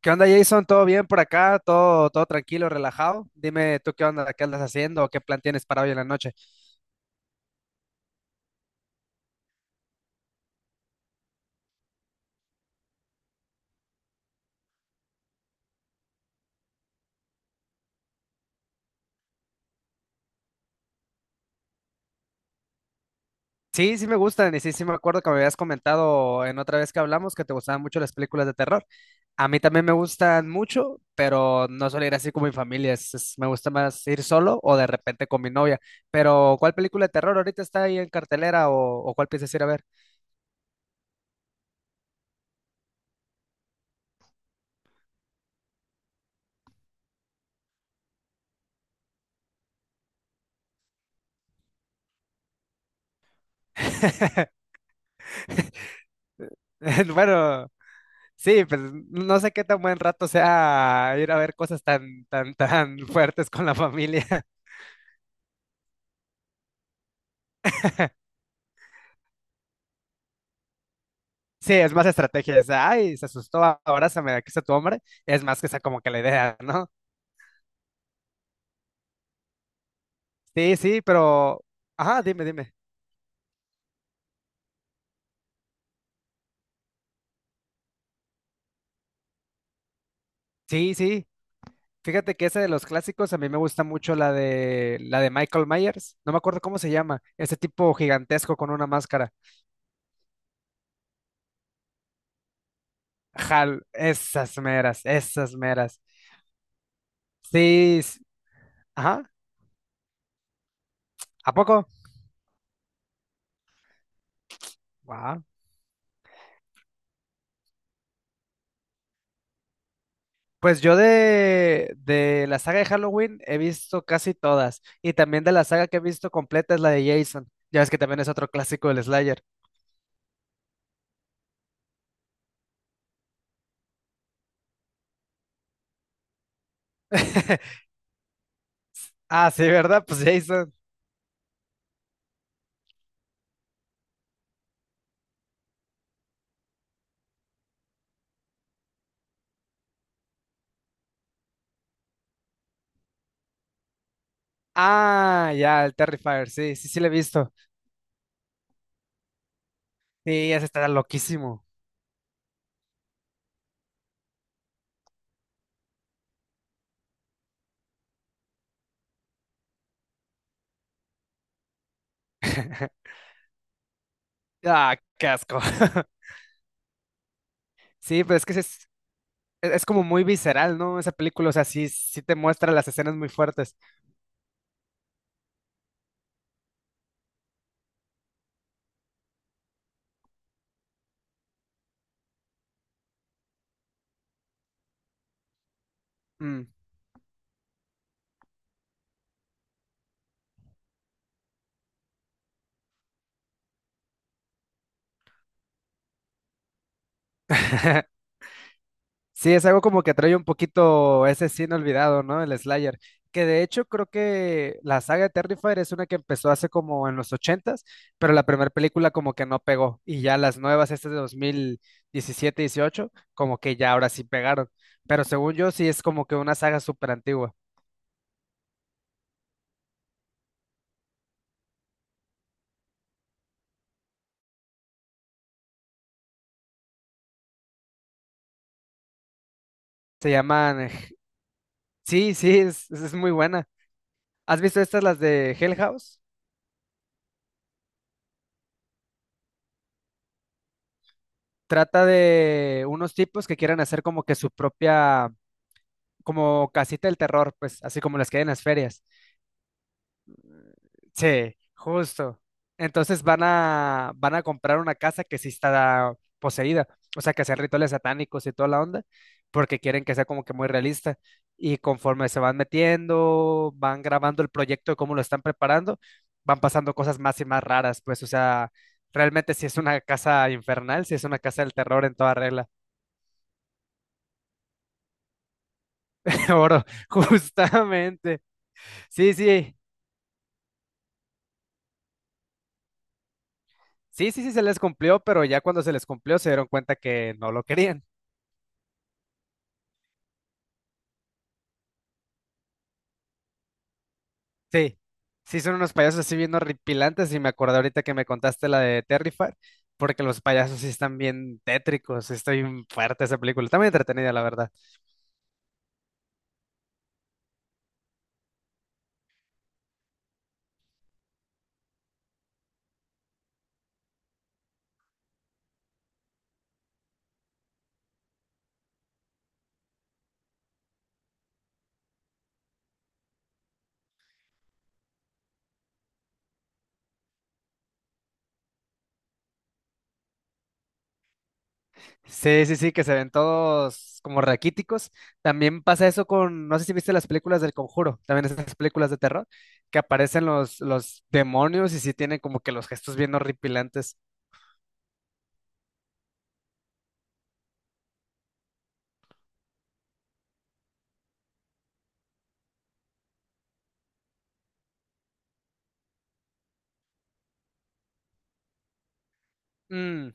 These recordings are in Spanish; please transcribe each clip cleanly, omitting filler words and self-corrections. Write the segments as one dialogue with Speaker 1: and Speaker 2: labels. Speaker 1: ¿Qué onda, Jason? ¿Todo bien por acá? ¿Todo, todo tranquilo, relajado? Dime tú qué onda, qué andas haciendo, o qué plan tienes para hoy en la noche. Sí, sí me gustan y sí, sí me acuerdo que me habías comentado en otra vez que hablamos que te gustaban mucho las películas de terror. A mí también me gustan mucho, pero no suelo ir así con mi familia. Me gusta más ir solo o de repente con mi novia. Pero, ¿cuál película de terror ahorita está ahí en cartelera o cuál piensas ir a ver? Bueno. Sí, pues no sé qué tan buen rato sea ir a ver cosas tan, tan, tan fuertes con la familia. Sí, es más estrategia, es, ay, se asustó, abrázame, aquí está tu hombre. Es más que esa como que la idea, ¿no? Sí, sí, pero, ajá, dime, dime. Sí, sí, fíjate que esa de los clásicos, a mí me gusta mucho la de Michael Myers, no me acuerdo cómo se llama, ese tipo gigantesco con una máscara. Hal, esas meras, esas meras. Sí, ajá, ¿a poco? Pues yo de la saga de Halloween he visto casi todas. Y también de la saga que he visto completa es la de Jason. Ya ves que también es otro clásico del Slayer. Ah, sí, ¿verdad? Pues Jason. Ah, ya, el Terrifier, sí, sí, sí lo he visto. Sí, ese está loquísimo. Ah, qué asco. Sí, pero es que sí es como muy visceral, ¿no? Esa película, o sea, sí, sí te muestra las escenas muy fuertes. Mm. Sí, es algo como que trae un poquito ese sin olvidado, ¿no? El Slayer. Que de hecho creo que la saga de Terrifier es una que empezó hace como en los ochentas, pero la primera película como que no pegó. Y ya las nuevas, estas de 2017, dieciocho, como que ya ahora sí pegaron. Pero según yo sí es como que una saga súper antigua. Se llaman... eh, Sí, sí, es muy buena. ¿Has visto estas, las de Hell House? Trata de unos tipos que quieren hacer como que su propia como casita del terror, pues, así como las que hay en las ferias. Sí, justo. Entonces van a comprar una casa que sí está poseída, o sea, que hacen rituales satánicos y toda la onda, porque quieren que sea como que muy realista. Y conforme se van metiendo, van grabando el proyecto de cómo lo están preparando, van pasando cosas más y más raras, pues, o sea, realmente si es una casa infernal, si es una casa del terror en toda regla. Oro, justamente. Sí, sí, sí, sí, sí, se les cumplió, pero ya cuando se les cumplió se dieron cuenta que no lo querían. Sí, sí, son unos payasos así bien horripilantes y me acordé ahorita que me contaste la de Terrifier, porque los payasos sí están bien tétricos, sí está bien fuerte esa película, está muy entretenida, la verdad. Sí, sí, sí, que se ven todos como raquíticos. También pasa eso con, no sé si viste las películas del Conjuro, también esas películas de terror, que aparecen los demonios y sí tienen como que los gestos bien horripilantes. Mm.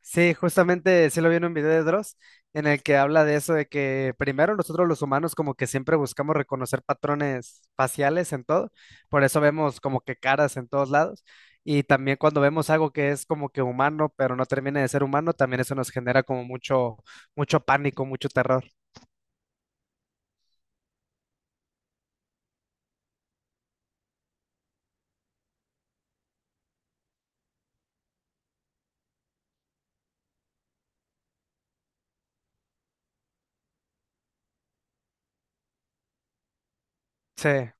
Speaker 1: Sí, justamente sí lo vi en un video de Dross en el que habla de eso, de que primero nosotros los humanos como que siempre buscamos reconocer patrones faciales en todo, por eso vemos como que caras en todos lados y también cuando vemos algo que es como que humano, pero no termina de ser humano, también eso nos genera como mucho, mucho pánico, mucho terror. Sí.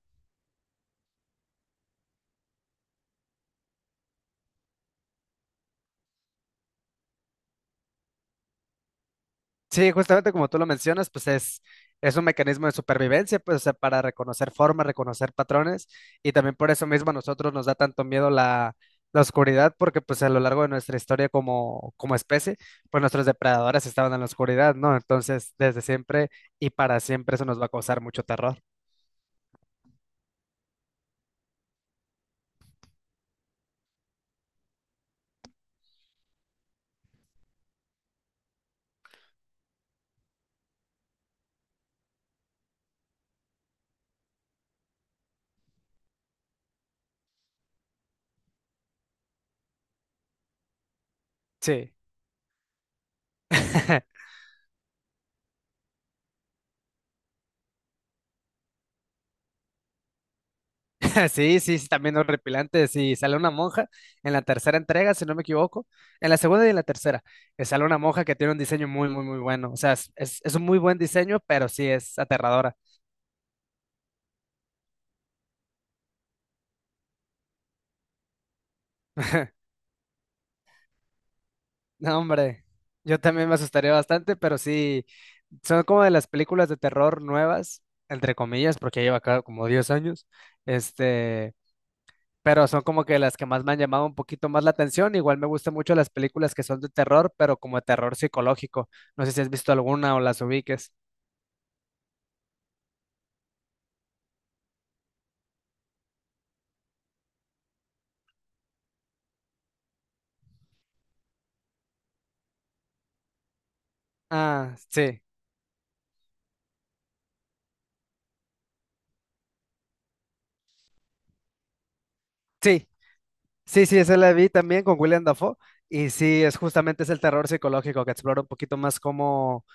Speaker 1: Sí, justamente como tú lo mencionas, pues es un mecanismo de supervivencia, pues, o sea, para reconocer formas, reconocer patrones, y también por eso mismo a nosotros nos da tanto miedo la oscuridad, porque pues a lo largo de nuestra historia como especie, pues nuestros depredadores estaban en la oscuridad, ¿no? Entonces, desde siempre y para siempre eso nos va a causar mucho terror. Sí. Sí, sí, sí, también horripilante. Sí, sale una monja en la tercera entrega, si no me equivoco. En la segunda y en la tercera. Sale una monja que tiene un diseño muy, muy, muy bueno. O sea, es, es un muy buen diseño, pero sí es aterradora. No, hombre, yo también me asustaría bastante, pero sí, son como de las películas de terror nuevas, entre comillas, porque ya lleva acá como 10 años. Este. Pero son como que las que más me han llamado un poquito más la atención. Igual me gustan mucho las películas que son de terror, pero como de terror psicológico. No sé si has visto alguna o las ubiques. Ah, sí, sí, sí, sí, esa la vi también con William Dafoe. Y sí, es justamente es el terror psicológico que explora un poquito más cómo.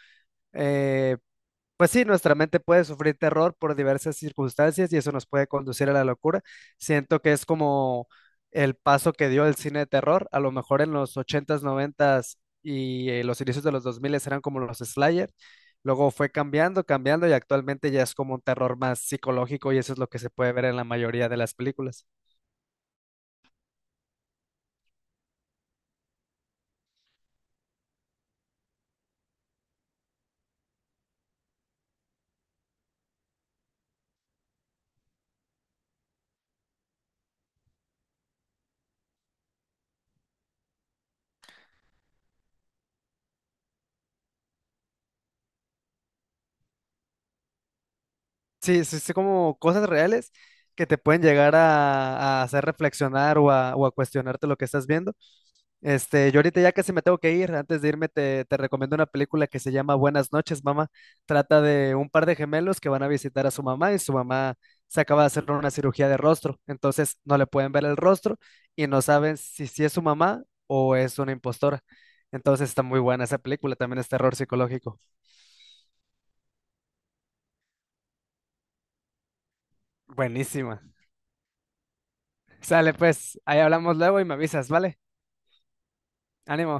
Speaker 1: Pues sí, nuestra mente puede sufrir terror por diversas circunstancias y eso nos puede conducir a la locura. Siento que es como el paso que dio el cine de terror. A lo mejor en los ochentas, noventas y los inicios de los 2000 eran como los Slayer. Luego fue cambiando, cambiando y actualmente ya es como un terror más psicológico y eso es lo que se puede ver en la mayoría de las películas. Sí, sí, sí, como cosas reales que te pueden llegar a hacer reflexionar o a cuestionarte lo que estás viendo. Yo ahorita ya casi me tengo que ir. Antes de irme, te recomiendo una película que se llama Buenas noches, mamá. Trata de un par de gemelos que van a visitar a su mamá y su mamá se acaba de hacer una cirugía de rostro. Entonces no le pueden ver el rostro y no saben si, si es su mamá o es una impostora. Entonces está muy buena esa película, también es terror psicológico. Buenísima. Sale pues, ahí hablamos luego y me avisas, ¿vale? Ánimo.